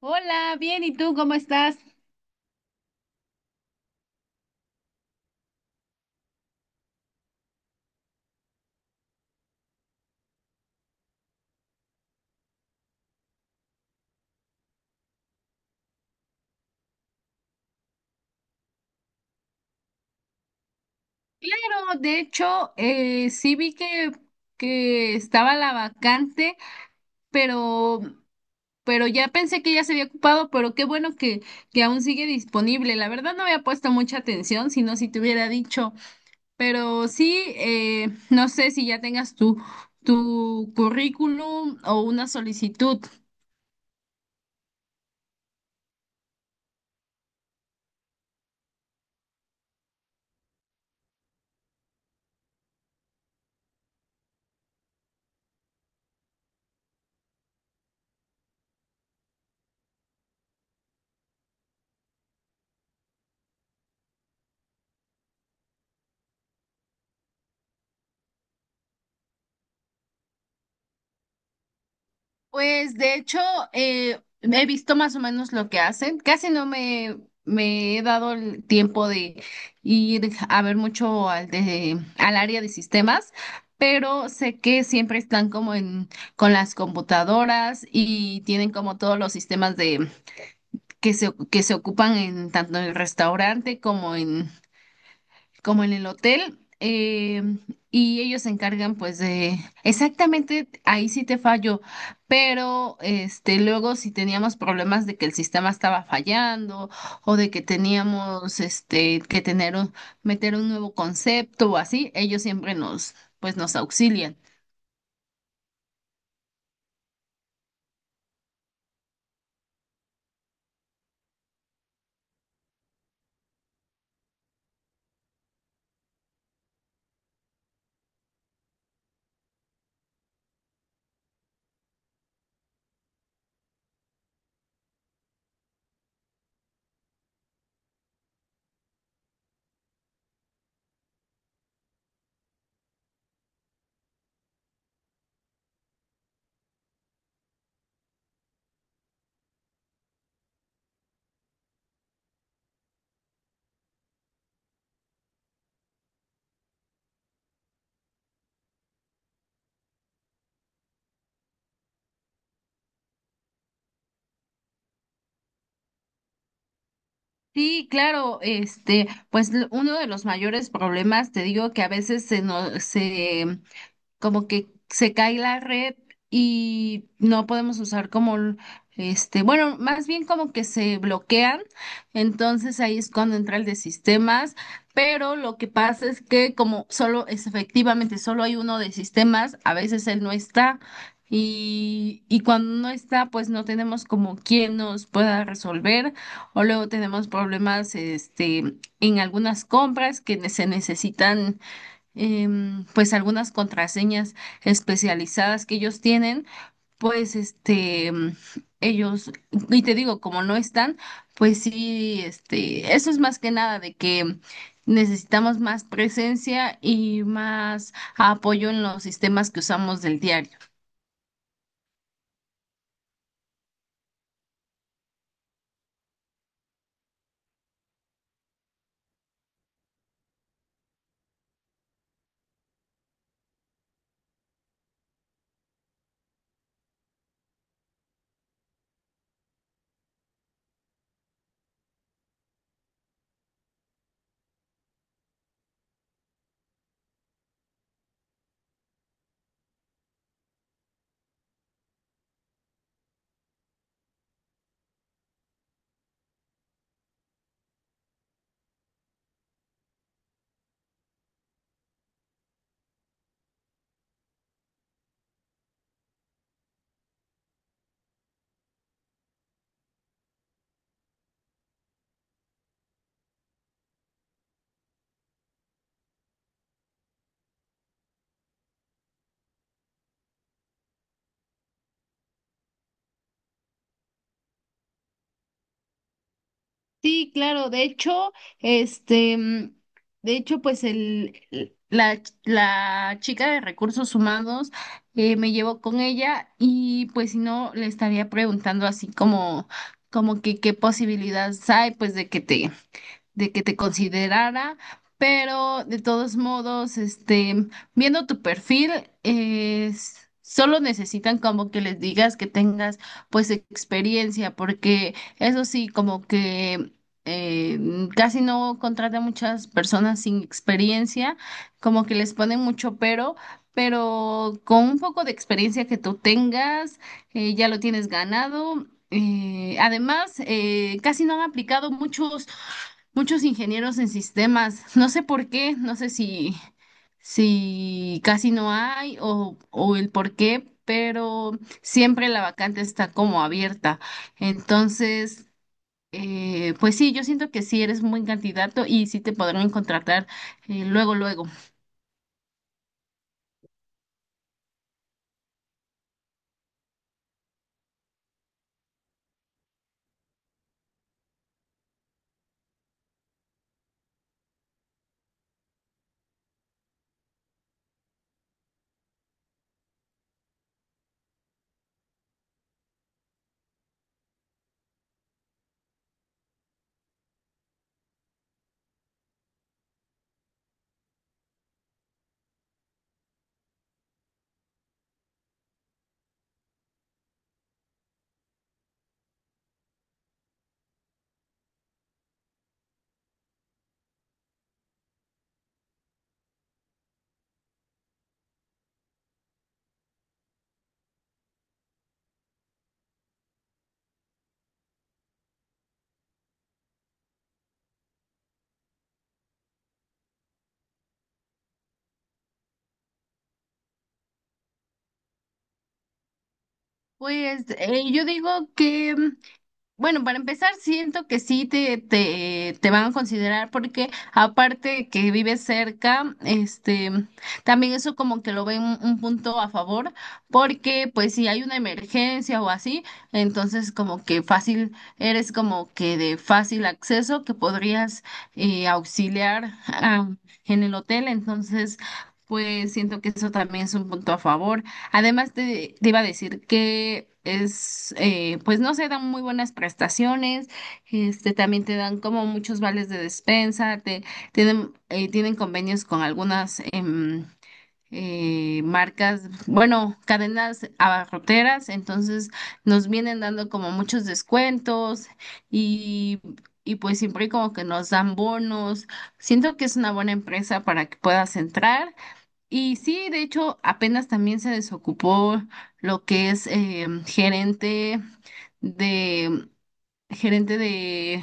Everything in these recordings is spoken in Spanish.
Hola, bien, ¿y tú cómo estás? Claro, de hecho, sí vi que estaba la vacante, pero, pero ya pensé que ya se había ocupado, pero qué bueno que aún sigue disponible. La verdad no había puesto mucha atención, sino si te hubiera dicho, pero sí, no sé si ya tengas tu currículum o una solicitud. Pues de hecho, he visto más o menos lo que hacen. Casi no me he dado el tiempo de ir a ver mucho al área de sistemas, pero sé que siempre están como con las computadoras y tienen como todos los sistemas que que se ocupan en tanto en el restaurante como en el hotel. Y ellos se encargan pues de exactamente ahí sí te fallo, pero este luego si teníamos problemas de que el sistema estaba fallando o de que teníamos este que tener meter un nuevo concepto o así, ellos siempre nos pues nos auxilian. Sí, claro, este, pues uno de los mayores problemas, te digo que a veces se nos se como que se cae la red y no podemos usar este, bueno, más bien como que se bloquean, entonces ahí es cuando entra el de sistemas, pero lo que pasa es que como solo es efectivamente solo hay uno de sistemas, a veces él no está. Y cuando no está, pues no tenemos como quien nos pueda resolver, o luego tenemos problemas este, en algunas compras que se necesitan pues algunas contraseñas especializadas que ellos tienen, pues este, ellos, y te digo, como no están, pues sí, este, eso es más que nada de que necesitamos más presencia y más apoyo en los sistemas que usamos del diario. Sí, claro, de hecho, este, de hecho, pues la chica de recursos humanos me llevó con ella y pues si no, le estaría preguntando así como, como que qué posibilidades hay pues de que te considerara, pero de todos modos, este, viendo tu perfil, es, solo necesitan como que les digas que tengas pues experiencia, porque eso sí, como que eh, casi no contratan muchas personas sin experiencia, como que les ponen mucho pero. Pero con un poco de experiencia que tú tengas, ya lo tienes ganado. Además, casi no han aplicado muchos ingenieros en sistemas. No sé por qué, no sé si casi no hay o el por qué, pero siempre la vacante está como abierta. Entonces, pues sí, yo siento que sí eres un buen candidato y sí te podrán contratar luego, luego. Pues yo digo que bueno, para empezar, siento que sí te van a considerar porque aparte que vives cerca, este, también eso como que lo ven un punto a favor, porque pues si hay una emergencia o así, entonces como que fácil, eres como que de fácil acceso que podrías auxiliar en el hotel, entonces pues siento que eso también es un punto a favor. Además, te iba a decir que es, pues no se dan muy buenas prestaciones, este, también te dan como muchos vales de despensa, tienen, tienen convenios con algunas marcas, bueno, cadenas abarroteras, entonces nos vienen dando como muchos descuentos y, y pues siempre como que nos dan bonos. Siento que es una buena empresa para que puedas entrar. Y sí, de hecho, apenas también se desocupó lo que es gerente de gerente de,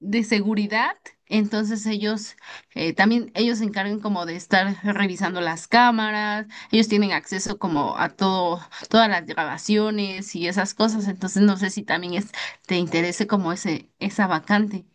de seguridad. Entonces ellos se encargan como de estar revisando las cámaras, ellos tienen acceso como a todo, todas las grabaciones y esas cosas. Entonces no sé si también te interese como esa vacante.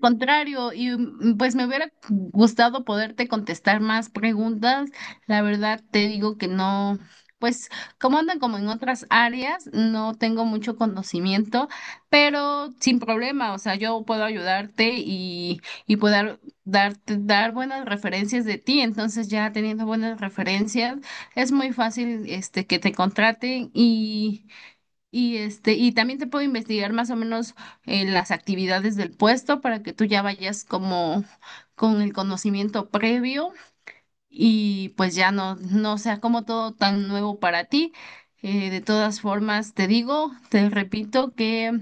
Contrario, y pues me hubiera gustado poderte contestar más preguntas. La verdad te digo que no, pues como andan como en otras áreas, no tengo mucho conocimiento, pero sin problema, o sea, yo puedo ayudarte y puedo dar buenas referencias de ti. Entonces ya teniendo buenas referencias, es muy fácil este que te contraten y este, y también te puedo investigar más o menos las actividades del puesto para que tú ya vayas como con el conocimiento previo y pues ya no sea como todo tan nuevo para ti. De todas formas, te digo, te repito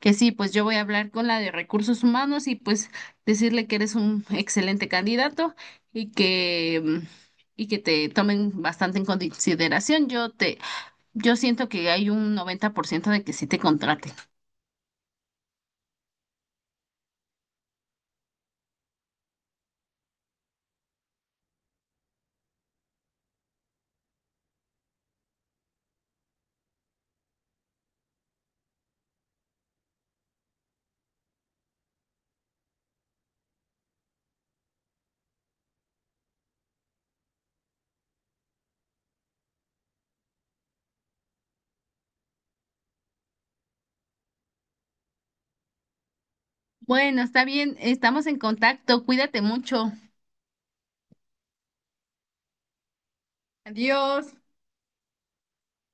que sí, pues yo voy a hablar con la de recursos humanos y pues decirle que eres un excelente candidato y y que te tomen bastante en consideración. Yo siento que hay un 90% de que sí te contraten. Bueno, está bien, estamos en contacto, cuídate mucho. Adiós.